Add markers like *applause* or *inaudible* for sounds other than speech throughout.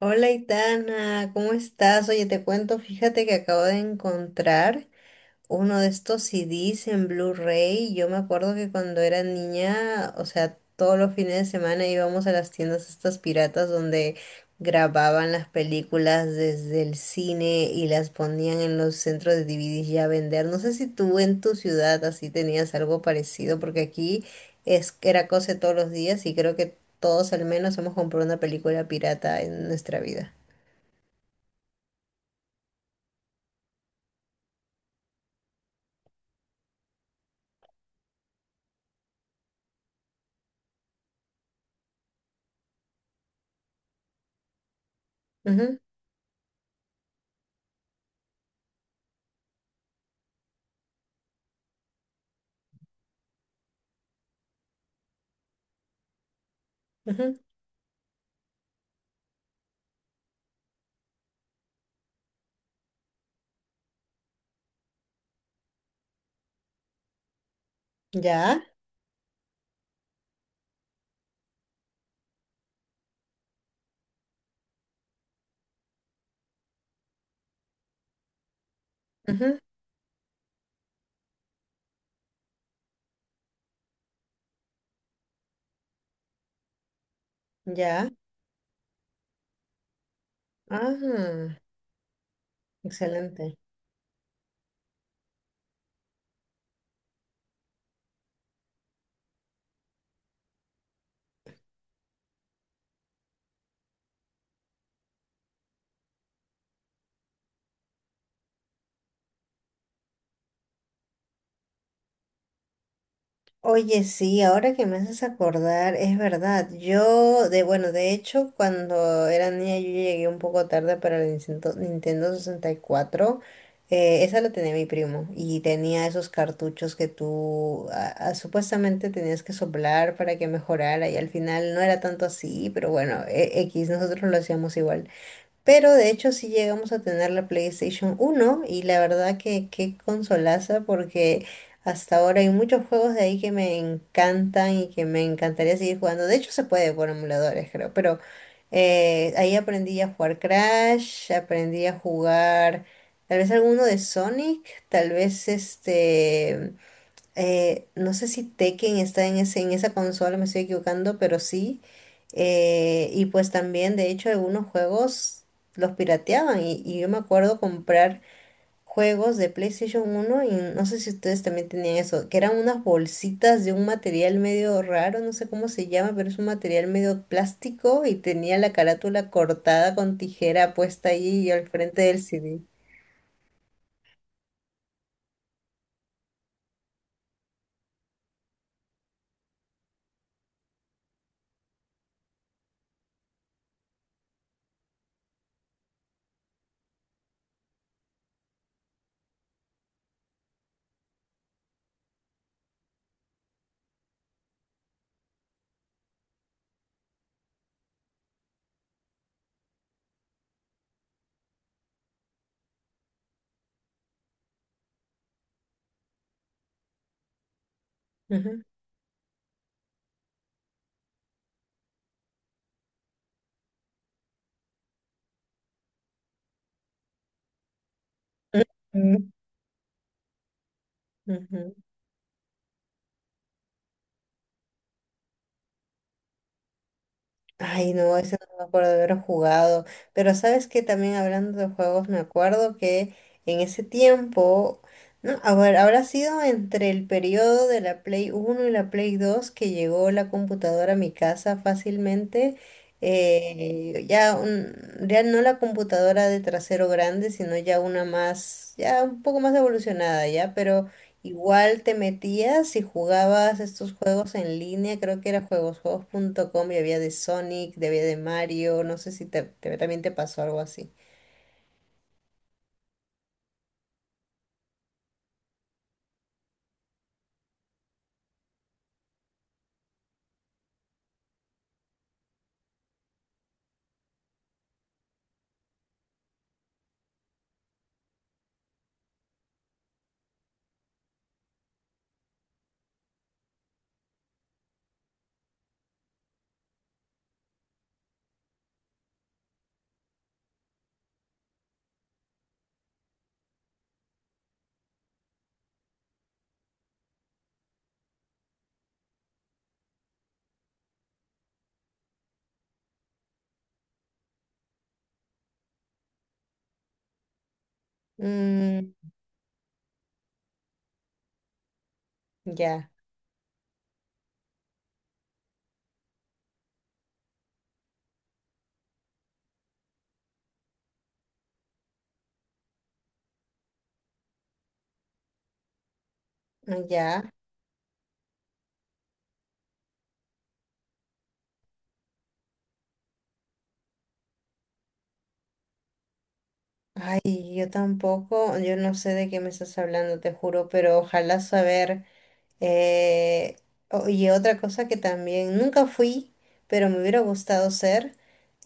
Hola, Itana, ¿cómo estás? Oye, te cuento, fíjate que acabo de encontrar uno de estos CDs en Blu-ray. Yo me acuerdo que cuando era niña, o sea, todos los fines de semana íbamos a las tiendas estas piratas donde grababan las películas desde el cine y las ponían en los centros de DVDs ya a vender. No sé si tú en tu ciudad así tenías algo parecido, porque aquí es era cosa de todos los días y creo que todos al menos hemos comprado una película pirata en nuestra vida. Ujú, ujú. ¿Ya? Ujú. ¿Ya? Ah. Excelente. Oye, sí, ahora que me haces acordar, es verdad. Yo, de bueno, de hecho, cuando era niña yo llegué un poco tarde para el Nintendo, Nintendo 64. Esa la tenía mi primo y tenía esos cartuchos que tú supuestamente tenías que soplar para que mejorara y al final no era tanto así, pero bueno, X, nosotros lo hacíamos igual. Pero de hecho sí llegamos a tener la PlayStation uno y la verdad que qué consolaza porque hasta ahora hay muchos juegos de ahí que me encantan y que me encantaría seguir jugando. De hecho se puede por emuladores creo, pero ahí aprendí a jugar Crash, aprendí a jugar tal vez alguno de Sonic, tal vez este no sé si Tekken está en en esa consola, me estoy equivocando, pero sí. Y pues también, de hecho, algunos juegos los pirateaban. Y yo me acuerdo comprar juegos de PlayStation uno y no sé si ustedes también tenían eso, que eran unas bolsitas de un material medio raro, no sé cómo se llama, pero es un material medio plástico y tenía la carátula cortada con tijera puesta ahí al frente del CD. Ujú. Ujú, ujú. Ay, no, ese no me acuerdo de haber jugado. Pero sabes que también hablando de juegos, me acuerdo que en ese tiempo, no, a ver, habrá sido entre el periodo de la Play Uno y la Play Dos que llegó la computadora a mi casa fácilmente. Ya, ya no la computadora de trasero grande, sino ya una más, ya un poco más evolucionada, ya, pero igual te metías y jugabas estos juegos en línea, creo que era juegosjuegos.com y había de Sonic, había de Mario, no sé si también te pasó algo así. Mm, ya, ah, ya. Ay, yo tampoco, yo no sé de qué me estás hablando, te juro, pero ojalá saber. Eh, y otra cosa que también nunca fui, pero me hubiera gustado ser,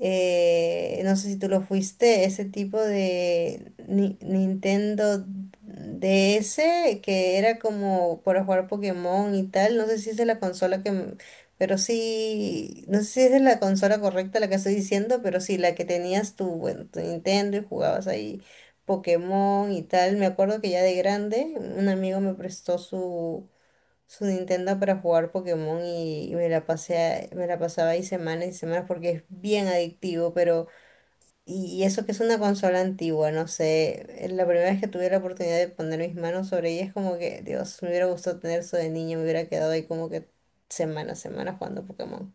no sé si tú lo fuiste, ese tipo de Nintendo DS que era como para jugar Pokémon y tal, no sé si es de la consola que... m- Pero sí, no sé si es de la consola correcta la que estoy diciendo, pero sí, la que tenías tu, bueno, tu Nintendo y jugabas ahí Pokémon y tal. Me acuerdo que ya de grande un amigo me prestó su Nintendo para jugar Pokémon y me la pasé, me la pasaba ahí semanas y semanas porque es bien adictivo, pero y eso que es una consola antigua, no sé, la primera vez que tuve la oportunidad de poner mis manos sobre ella es como que, Dios, me hubiera gustado tener eso de niño, me hubiera quedado ahí como que semanas, semanas jugando Pokémon.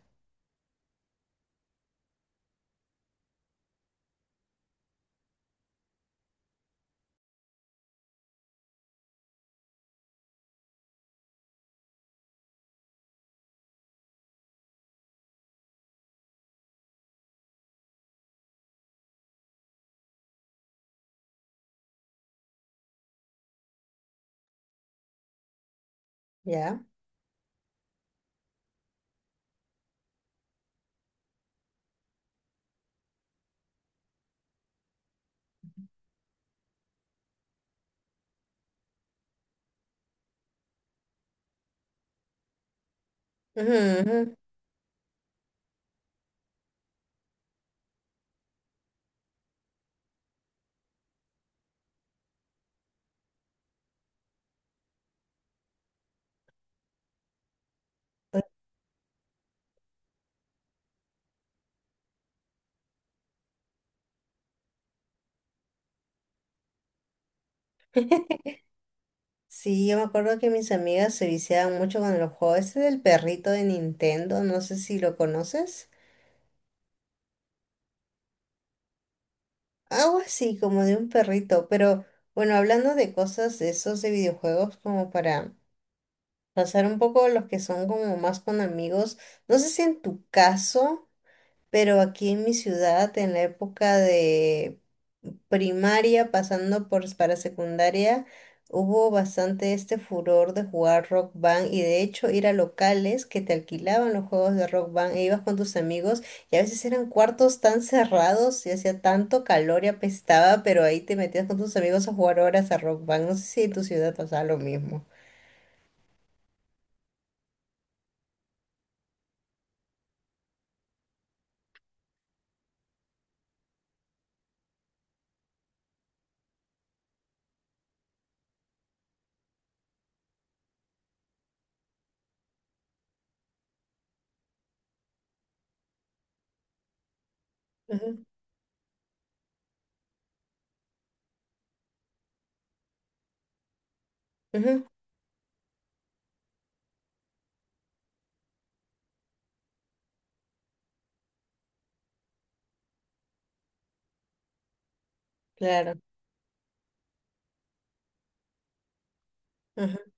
¿Ya? Ujú, ujú. Pues, sí, yo me acuerdo que mis amigas se viciaban mucho con el juego ese del perrito de Nintendo, no sé si lo conoces. Algo así, como de un perrito, pero bueno, hablando de cosas de esos de videojuegos, como para pasar un poco a los que son como más con amigos, no sé si en tu caso, pero aquí en mi ciudad, en la época de primaria, pasando por para secundaria, hubo bastante este furor de jugar Rock Band y de hecho ir a locales que te alquilaban los juegos de Rock Band e ibas con tus amigos y a veces eran cuartos tan cerrados y hacía tanto calor y apestaba, pero ahí te metías con tus amigos a jugar horas a Rock Band. No sé si en tu ciudad pasaba lo mismo. Ujú, ujú, claro. Ujú,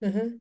ujú.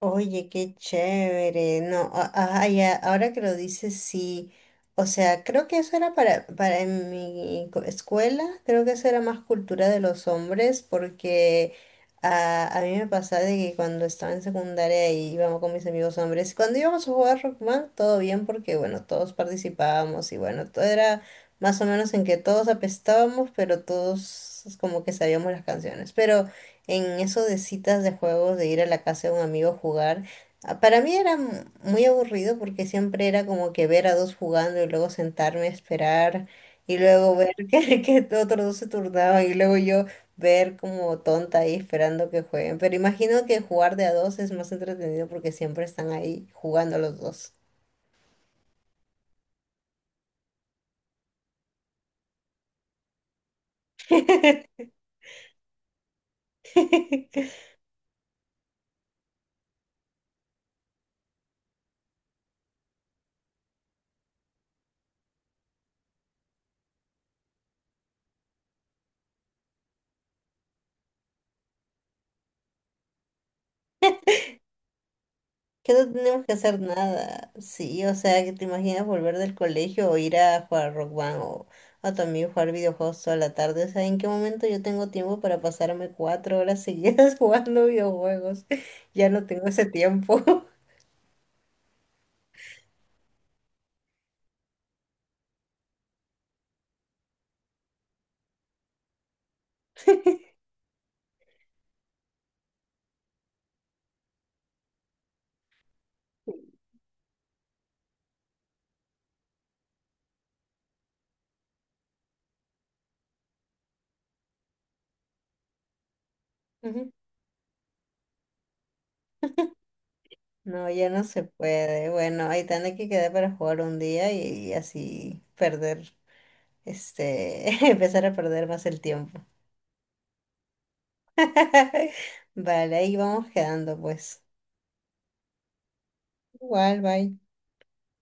Oye, qué chévere. No, ajá, ya, ahora que lo dices, sí. O sea, creo que eso era para en mi escuela, creo que eso era más cultura de los hombres, porque ah, a mí me pasaba de que cuando estaba en secundaria y íbamos con mis amigos hombres, cuando íbamos a jugar Rockman, todo bien, porque bueno, todos participábamos y bueno, todo era más o menos en que todos apestábamos, pero todos como que sabíamos las canciones. Pero en eso de citas de juegos, de ir a la casa de un amigo a jugar, ah, para mí era muy aburrido porque siempre era como que ver a dos jugando y luego sentarme a esperar y luego ver *laughs* que otros dos se turnaban y luego yo ver como tonta ahí esperando que jueguen. Pero imagino que jugar de a dos es más entretenido porque siempre están ahí jugando los dos. *laughs* Que no tenemos que hacer nada. Sí, o sea, que te imaginas volver del colegio o ir a jugar Rock Band o a tu amigo jugar videojuegos toda la tarde. O sea, ¿en qué momento yo tengo tiempo para pasarme 4 horas seguidas *laughs* jugando videojuegos? Ya no tengo ese tiempo. *laughs* Ujú. No, ya no se puede. Bueno, ahí tiene que quedar para jugar un día y así perder, este, *laughs* empezar a perder más el tiempo. *laughs* Vale, ahí vamos quedando, pues. Igual, bye.